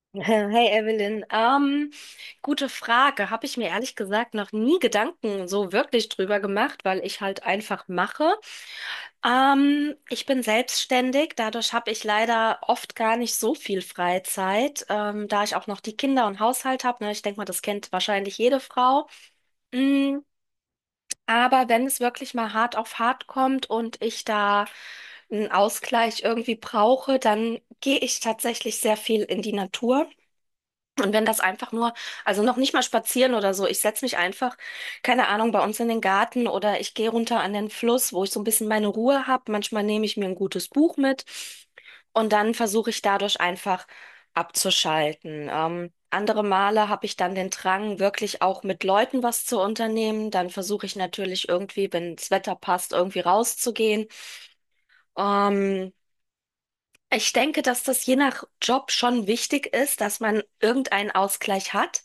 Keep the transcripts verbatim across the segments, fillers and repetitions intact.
Hey Evelyn, ähm, gute Frage. Habe ich mir ehrlich gesagt noch nie Gedanken so wirklich drüber gemacht, weil ich halt einfach mache. Ähm, ich bin selbstständig, dadurch habe ich leider oft gar nicht so viel Freizeit, ähm, da ich auch noch die Kinder und Haushalt habe. Ne? Ich denke mal, das kennt wahrscheinlich jede Frau. Mm, aber wenn es wirklich mal hart auf hart kommt und ich da einen Ausgleich irgendwie brauche, dann gehe ich tatsächlich sehr viel in die Natur. Und wenn das einfach nur, also noch nicht mal spazieren oder so, ich setze mich einfach, keine Ahnung, bei uns in den Garten oder ich gehe runter an den Fluss, wo ich so ein bisschen meine Ruhe habe. Manchmal nehme ich mir ein gutes Buch mit und dann versuche ich dadurch einfach abzuschalten. Ähm, andere Male habe ich dann den Drang, wirklich auch mit Leuten was zu unternehmen. Dann versuche ich natürlich irgendwie, wenn das Wetter passt, irgendwie rauszugehen. Ähm, Ich denke, dass das je nach Job schon wichtig ist, dass man irgendeinen Ausgleich hat.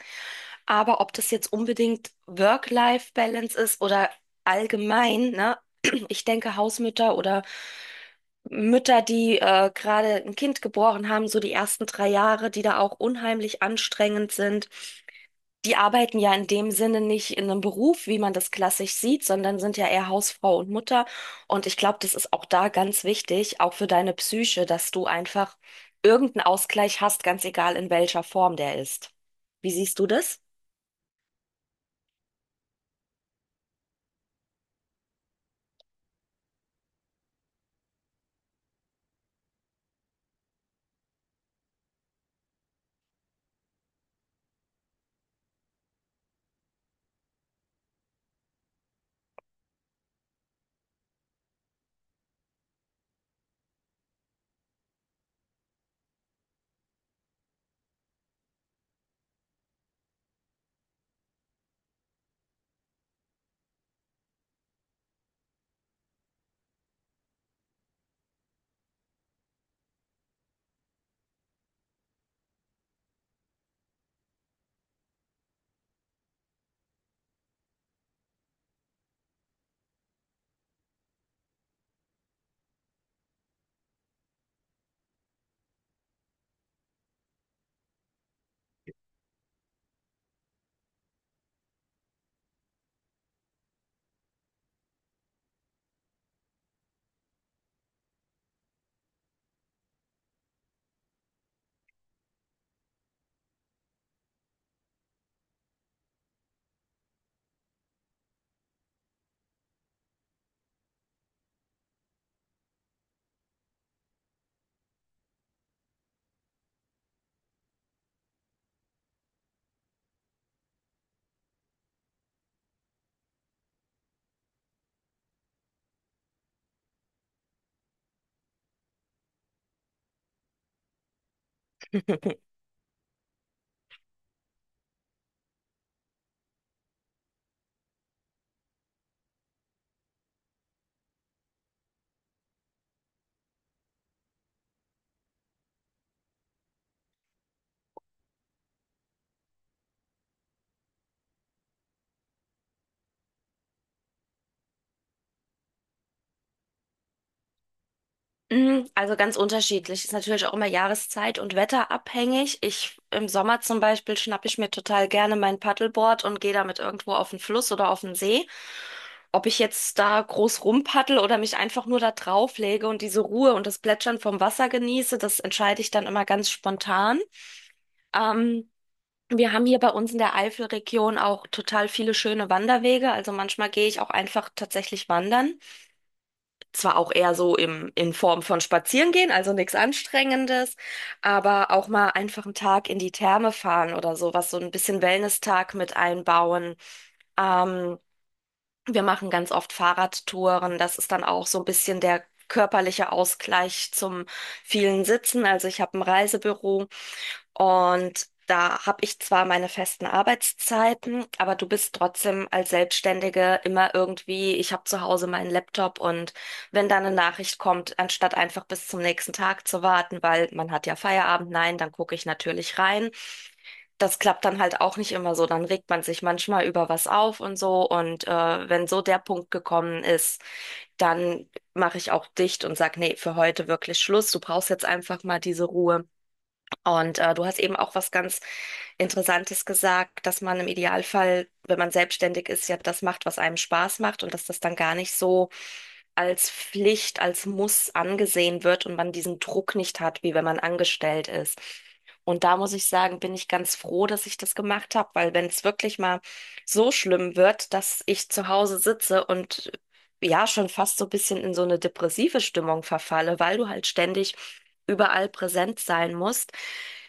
Aber ob das jetzt unbedingt Work-Life-Balance ist oder allgemein, ne? Ich denke, Hausmütter oder Mütter, die äh, gerade ein Kind geboren haben, so die ersten drei Jahre, die da auch unheimlich anstrengend sind. Die arbeiten ja in dem Sinne nicht in einem Beruf, wie man das klassisch sieht, sondern sind ja eher Hausfrau und Mutter. Und ich glaube, das ist auch da ganz wichtig, auch für deine Psyche, dass du einfach irgendeinen Ausgleich hast, ganz egal in welcher Form der ist. Wie siehst du das? Mm, also ganz unterschiedlich. Ist natürlich auch immer Jahreszeit und Wetter abhängig. Ich im Sommer zum Beispiel schnappe ich mir total gerne mein Paddleboard und gehe damit irgendwo auf den Fluss oder auf den See. Ob ich jetzt da groß rumpaddel oder mich einfach nur da drauf lege und diese Ruhe und das Plätschern vom Wasser genieße, das entscheide ich dann immer ganz spontan. Ähm, Wir haben hier bei uns in der Eifelregion auch total viele schöne Wanderwege. Also manchmal gehe ich auch einfach tatsächlich wandern. Zwar auch eher so im, in Form von Spazierengehen, also nichts Anstrengendes, aber auch mal einfach einen Tag in die Therme fahren oder sowas, so ein bisschen Wellness-Tag mit einbauen. Ähm, Wir machen ganz oft Fahrradtouren. Das ist dann auch so ein bisschen der körperliche Ausgleich zum vielen Sitzen. Also ich habe ein Reisebüro und da habe ich zwar meine festen Arbeitszeiten, aber du bist trotzdem als Selbstständige immer irgendwie, ich habe zu Hause meinen Laptop und wenn dann eine Nachricht kommt, anstatt einfach bis zum nächsten Tag zu warten, weil man hat ja Feierabend, nein, dann gucke ich natürlich rein. Das klappt dann halt auch nicht immer so. Dann regt man sich manchmal über was auf und so. Und äh, wenn so der Punkt gekommen ist, dann mache ich auch dicht und sag, nee, für heute wirklich Schluss. Du brauchst jetzt einfach mal diese Ruhe. Und äh, du hast eben auch was ganz Interessantes gesagt, dass man im Idealfall, wenn man selbstständig ist, ja das macht, was einem Spaß macht und dass das dann gar nicht so als Pflicht, als Muss angesehen wird und man diesen Druck nicht hat, wie wenn man angestellt ist. Und da muss ich sagen, bin ich ganz froh, dass ich das gemacht habe, weil wenn es wirklich mal so schlimm wird, dass ich zu Hause sitze und ja schon fast so ein bisschen in so eine depressive Stimmung verfalle, weil du halt ständig überall präsent sein musst,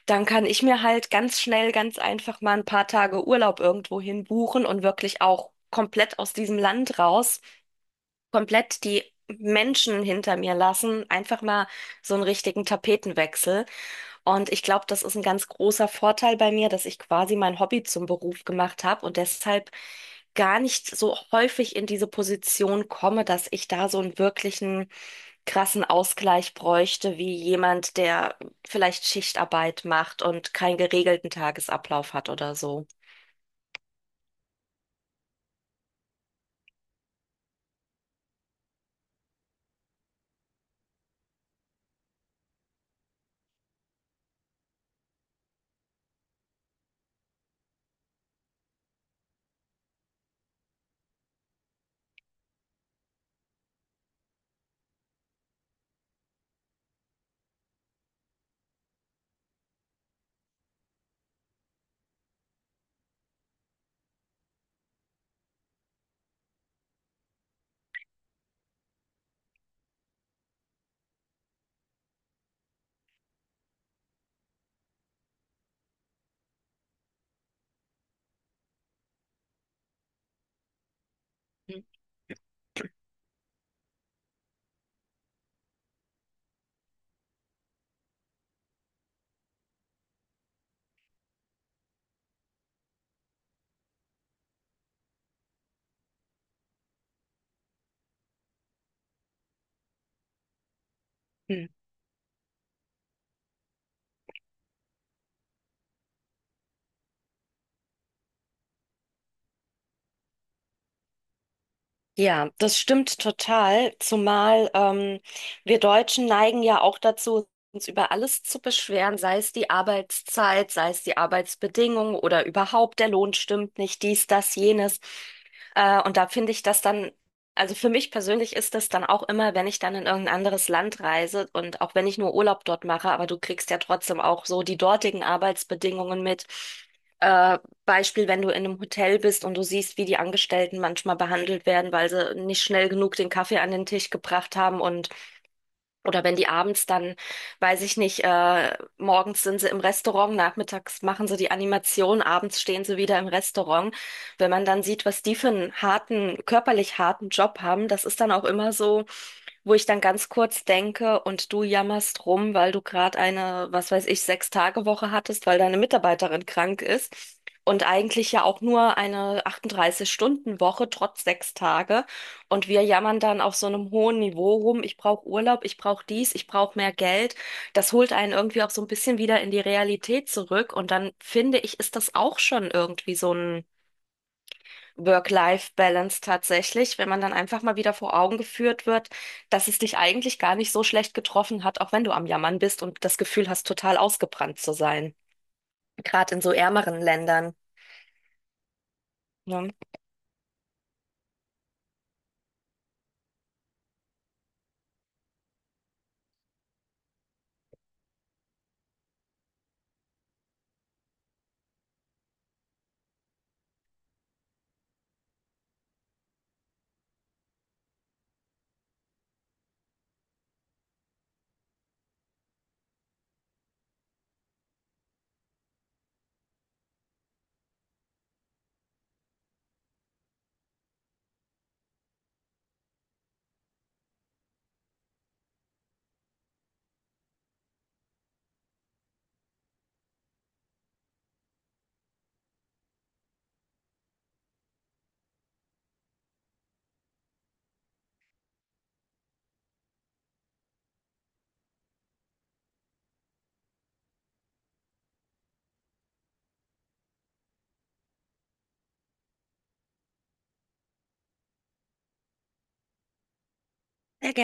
dann kann ich mir halt ganz schnell, ganz einfach mal ein paar Tage Urlaub irgendwohin buchen und wirklich auch komplett aus diesem Land raus, komplett die Menschen hinter mir lassen, einfach mal so einen richtigen Tapetenwechsel. Und ich glaube, das ist ein ganz großer Vorteil bei mir, dass ich quasi mein Hobby zum Beruf gemacht habe und deshalb gar nicht so häufig in diese Position komme, dass ich da so einen wirklichen krassen Ausgleich bräuchte, wie jemand, der vielleicht Schichtarbeit macht und keinen geregelten Tagesablauf hat oder so. Mhm. Ja, das stimmt total, zumal ähm, wir Deutschen neigen ja auch dazu, uns über alles zu beschweren, sei es die Arbeitszeit, sei es die Arbeitsbedingungen oder überhaupt der Lohn stimmt nicht, dies, das, jenes. Äh, und da finde ich das dann, also für mich persönlich ist das dann auch immer, wenn ich dann in irgendein anderes Land reise und auch wenn ich nur Urlaub dort mache, aber du kriegst ja trotzdem auch so die dortigen Arbeitsbedingungen mit. äh, Beispiel, wenn du in einem Hotel bist und du siehst, wie die Angestellten manchmal behandelt werden, weil sie nicht schnell genug den Kaffee an den Tisch gebracht haben und oder wenn die abends dann, weiß ich nicht, äh, morgens sind sie im Restaurant, nachmittags machen sie die Animation, abends stehen sie wieder im Restaurant. Wenn man dann sieht, was die für einen harten, körperlich harten Job haben, das ist dann auch immer so, wo ich dann ganz kurz denke und du jammerst rum, weil du gerade eine, was weiß ich, Sechs-Tage-Woche hattest, weil deine Mitarbeiterin krank ist. Und eigentlich ja auch nur eine achtunddreißig stunden woche trotz sechs Tage. Und wir jammern dann auf so einem hohen Niveau rum, ich brauche Urlaub, ich brauche dies, ich brauche mehr Geld. Das holt einen irgendwie auch so ein bisschen wieder in die Realität zurück. Und dann finde ich, ist das auch schon irgendwie so ein Work-Life-Balance tatsächlich, wenn man dann einfach mal wieder vor Augen geführt wird, dass es dich eigentlich gar nicht so schlecht getroffen hat, auch wenn du am Jammern bist und das Gefühl hast, total ausgebrannt zu sein. Gerade in so ärmeren Ländern. Ne? Sehr